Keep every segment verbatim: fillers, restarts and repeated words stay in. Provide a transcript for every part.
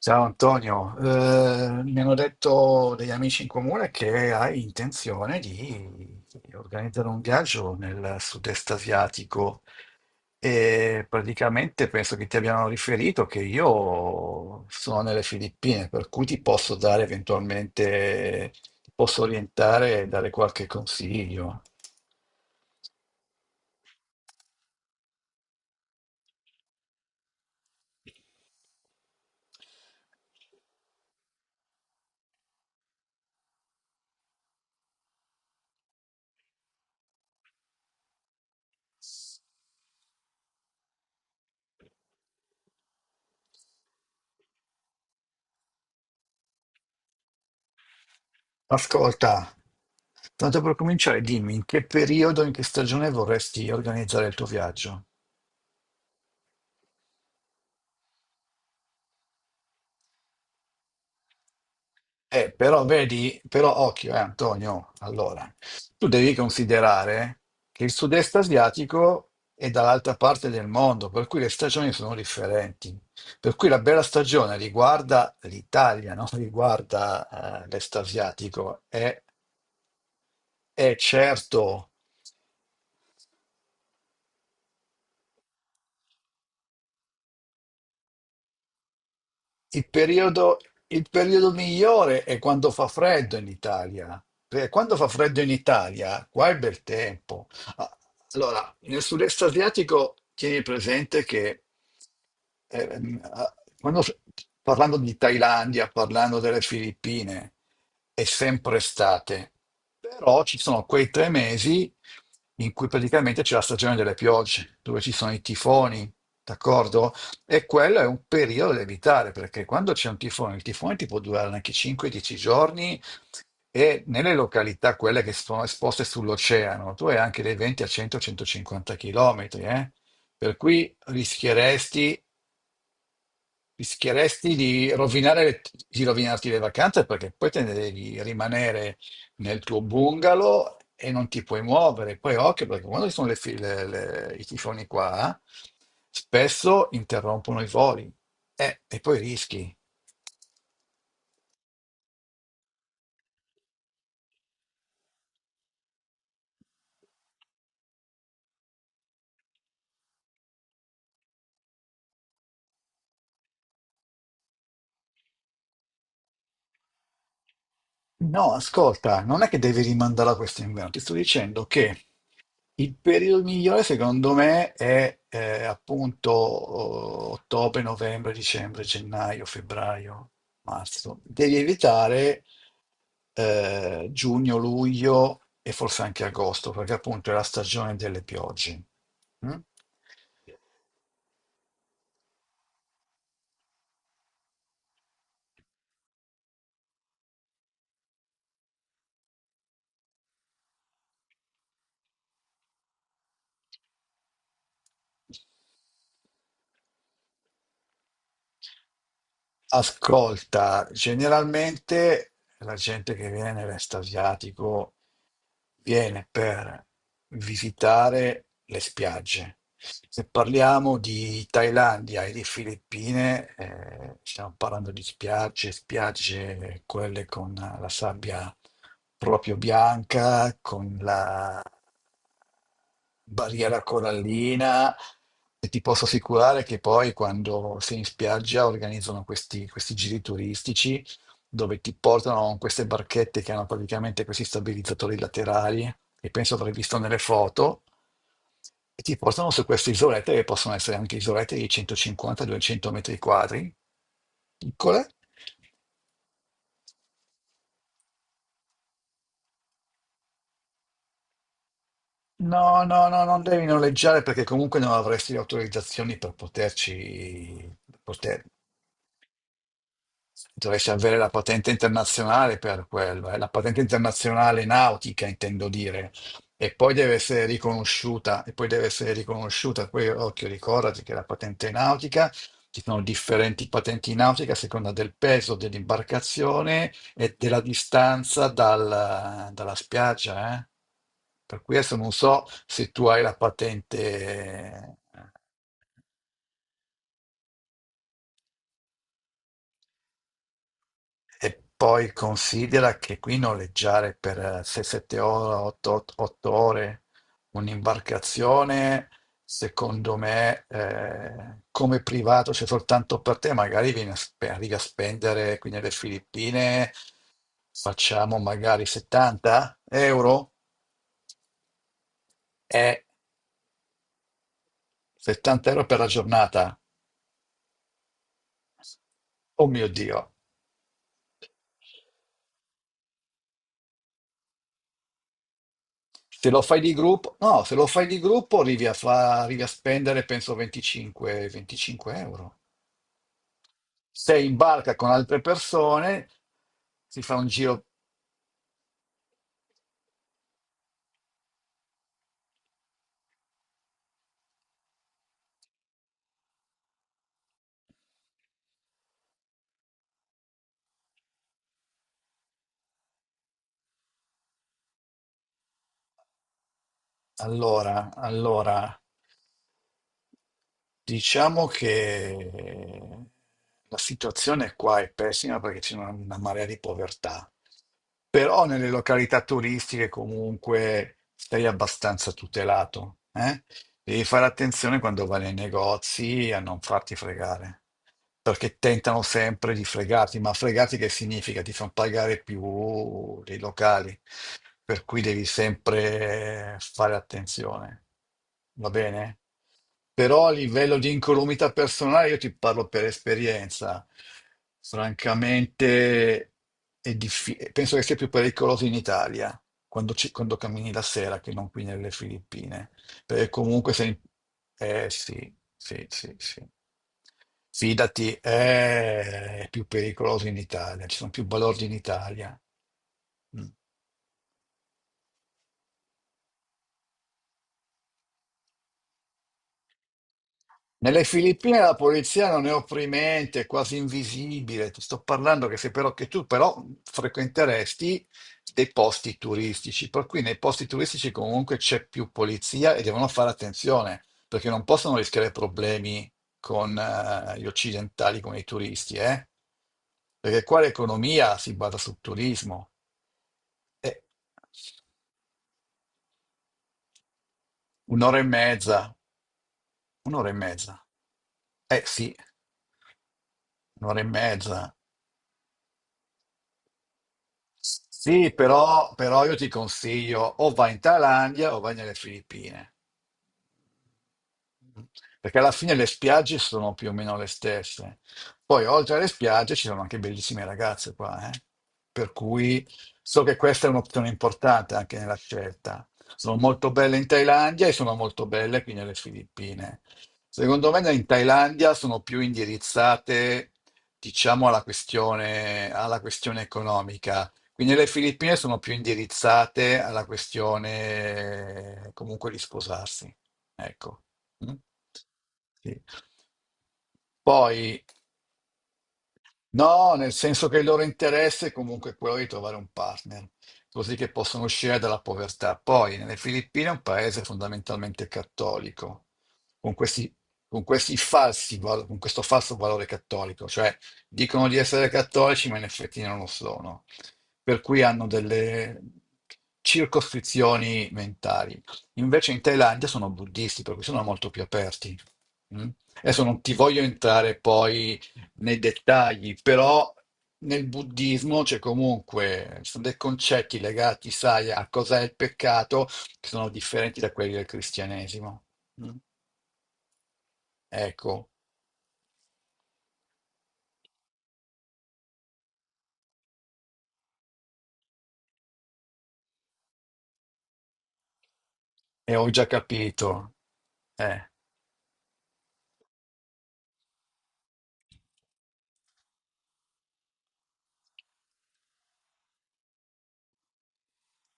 Ciao Antonio, Eh, mi hanno detto degli amici in comune che hai intenzione di organizzare un viaggio nel sud-est asiatico e praticamente penso che ti abbiano riferito che io sono nelle Filippine, per cui ti posso dare eventualmente, ti posso orientare e dare qualche consiglio. Ascolta, tanto per cominciare, dimmi in che periodo, in che stagione vorresti organizzare il tuo viaggio? Eh, però vedi, però occhio, eh, Antonio, allora, tu devi considerare che il sud-est asiatico è dall'altra parte del mondo, per cui le stagioni sono differenti. Per cui la bella stagione riguarda l'Italia, non riguarda, eh, l'est asiatico. E, e certo. Il periodo, il periodo migliore è quando fa freddo in Italia, perché quando fa freddo in Italia, qua è bel tempo. Ah, allora, nel sud-est asiatico tieni presente che ehm, ah, quando s- parlando di Thailandia, parlando delle Filippine, è sempre estate, però ci sono quei tre mesi in cui praticamente c'è la stagione delle piogge, dove ci sono i tifoni, d'accordo? E quello è un periodo da evitare, perché quando c'è un tifone, il tifone ti può durare anche cinque dieci giorni e nelle località, quelle che sono esposte sull'oceano, tu hai anche dei venti a cento centocinquanta km. Per cui rischieresti Rischieresti di rovinare le- di rovinarti le vacanze perché poi te ne devi rimanere nel tuo bungalow e non ti puoi muovere. Poi occhio, perché quando ci sono le fi- le- le- i tifoni qua, spesso interrompono i voli. Eh, e poi rischi. No, ascolta, non è che devi rimandare a questo inverno, ti sto dicendo che il periodo migliore secondo me è eh, appunto oh, ottobre, novembre, dicembre, gennaio, febbraio, marzo. Devi evitare eh, giugno, luglio e forse anche agosto, perché appunto è la stagione delle piogge. Mm? Ascolta, generalmente la gente che viene nell'est asiatico viene per visitare le spiagge. Se parliamo di Thailandia e di Filippine, eh, stiamo parlando di spiagge, spiagge quelle con la sabbia proprio bianca, con la barriera corallina, e ti posso assicurare che poi quando sei in spiaggia organizzano questi, questi giri turistici dove ti portano con queste barchette che hanno praticamente questi stabilizzatori laterali che penso avrai visto nelle foto, e ti portano su queste isolette che possono essere anche isolette di centocinquanta duecento metri quadri, piccole. No, no, no, non devi noleggiare perché comunque non avresti le autorizzazioni per poterci, per poter- Dovresti avere la patente internazionale per quello, eh, la patente internazionale nautica, intendo dire. E poi deve essere riconosciuta, e poi deve essere riconosciuta. Poi, occhio, ricordati che la patente nautica, ci sono differenti patenti nautiche a seconda del peso dell'imbarcazione e della distanza dal- dalla spiaggia, eh. Per cui adesso non so se tu hai la patente. eh, E poi considera che qui noleggiare per sei sette ore, otto ore un'imbarcazione, secondo me, eh, come privato, c'è soltanto per te, magari vieni a spe- arrivi a spendere qui nelle Filippine, facciamo magari settanta euro, e settanta euro per la giornata. Oh mio Dio! Se lo fai di gruppo, no, se lo fai di gruppo arrivi a, fa- arrivi a spendere penso venticinque venticinque euro. Sei in barca con altre persone, si fa un giro. Allora, allora. Diciamo che eh, la situazione qua è pessima perché c'è una, una marea di povertà, però nelle località turistiche comunque sei abbastanza tutelato, eh? Devi fare attenzione quando vai nei negozi a non farti fregare, perché tentano sempre di fregarti, ma fregarti che significa? Ti fanno pagare più dei locali, per cui devi sempre fare attenzione, va bene? Però a livello di incolumità personale, io ti parlo per esperienza, francamente è diffi- penso che sia più pericoloso in Italia quando, ci- quando cammini la sera che non qui nelle Filippine, perché comunque sei... Eh sì, sì, sì, sì. Fidati, eh, è più pericoloso in Italia, ci sono più balordi in Italia. Mm. Nelle Filippine la polizia non è opprimente, è quasi invisibile. Ti sto parlando che, se però, che tu però frequenteresti dei posti turistici, per cui nei posti turistici comunque c'è più polizia e devono fare attenzione, perché non possono rischiare problemi con eh, gli occidentali, con i turisti, eh? Perché qua l'economia si basa sul turismo. Eh, Un'ora e mezza, un'ora e mezza. Eh sì, un'ora e mezza. Sì, però, però io ti consiglio o vai in Thailandia o vai nelle Filippine, perché alla fine le spiagge sono più o meno le stesse. Poi oltre alle spiagge ci sono anche bellissime ragazze qua, eh. Per cui so che questa è un'opzione importante anche nella scelta. Sono molto belle in Thailandia e sono molto belle qui nelle Filippine. Secondo me in Thailandia sono più indirizzate, diciamo, alla questione alla questione economica, quindi le Filippine sono più indirizzate alla questione eh, comunque di sposarsi. Ecco. Mm? Sì. Poi no, nel senso che il loro interesse è comunque quello di trovare un partner, così che possano uscire dalla povertà. Poi, nelle Filippine è un paese fondamentalmente cattolico, con questi, con questi falsi, val- con questo falso valore cattolico, cioè dicono di essere cattolici, ma in effetti non lo sono. Per cui hanno delle circoscrizioni mentali. Invece in Thailandia sono buddisti, per cui sono molto più aperti. Mm? Adesso non ti voglio entrare poi nei dettagli, però nel buddismo c'è comunque, ci sono dei concetti legati, sai, a cos'è il peccato, che sono differenti da quelli del cristianesimo. Mm. Ecco, e ho già capito. Eh.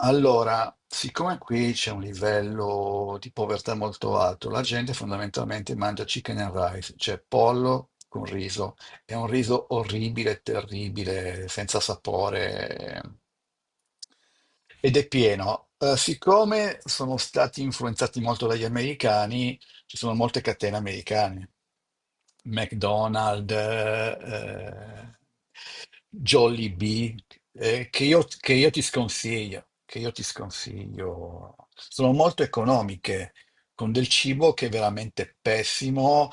Allora, siccome qui c'è un livello di povertà molto alto, la gente fondamentalmente mangia chicken and rice, cioè pollo con riso. È un riso orribile, terribile, senza sapore, ed è pieno. Eh, siccome sono stati influenzati molto dagli americani, ci sono molte catene americane. McDonald's, eh, Jollibee, eh, che io, che io ti sconsiglio, che io ti sconsiglio. Sono molto economiche, con del cibo che è veramente pessimo.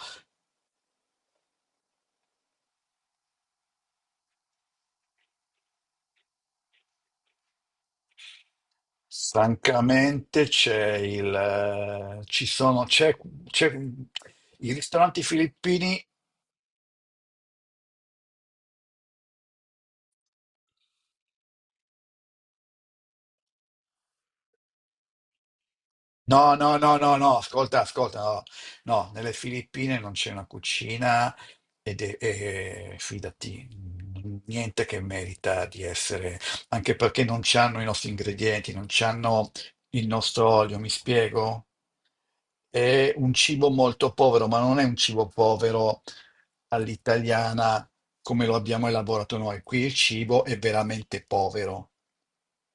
Francamente, c'è il, eh, ci sono, c'è, c'è- i ristoranti filippini... No, no, no, no, no, ascolta, ascolta, no, no, nelle Filippine non c'è una cucina, ed è, e- fidati, niente che merita di essere, anche perché non c'hanno i nostri ingredienti, non c'hanno il nostro olio, mi spiego? È un cibo molto povero, ma non è un cibo povero all'italiana come lo abbiamo elaborato noi. Qui il cibo è veramente povero.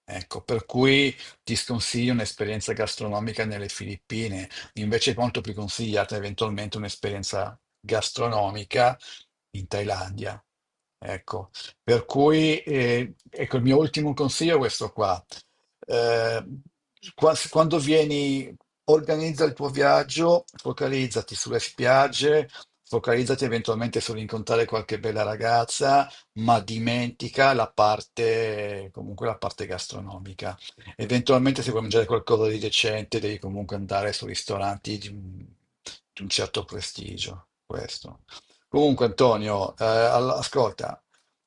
Ecco, per cui ti sconsiglio un'esperienza gastronomica nelle Filippine, invece è molto più consigliata eventualmente un'esperienza gastronomica in Thailandia. Ecco, per cui eh, ecco, il mio ultimo consiglio è questo qua. Eh, qua- Quando vieni, organizza il tuo viaggio, focalizzati sulle spiagge, focalizzati eventualmente sull'incontrare qualche bella ragazza, ma dimentica la parte, comunque la parte gastronomica. Eventualmente, se vuoi mangiare qualcosa di decente, devi comunque andare su ristoranti di un, di un, certo prestigio. Questo. Comunque, Antonio, eh, all- ascolta,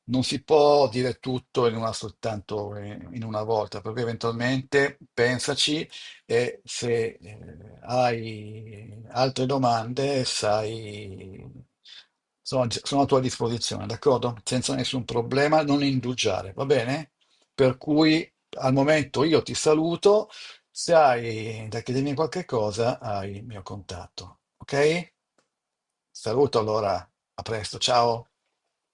non si può dire tutto in una soltanto, in in una volta, perché eventualmente pensaci, e se eh, hai altre domande, sai, sono, sono a tua disposizione, d'accordo? Senza nessun problema, non indugiare, va bene? Per cui al momento io ti saluto, se hai da chiedermi qualche cosa, hai il mio contatto, ok? Saluto allora, a presto, ciao.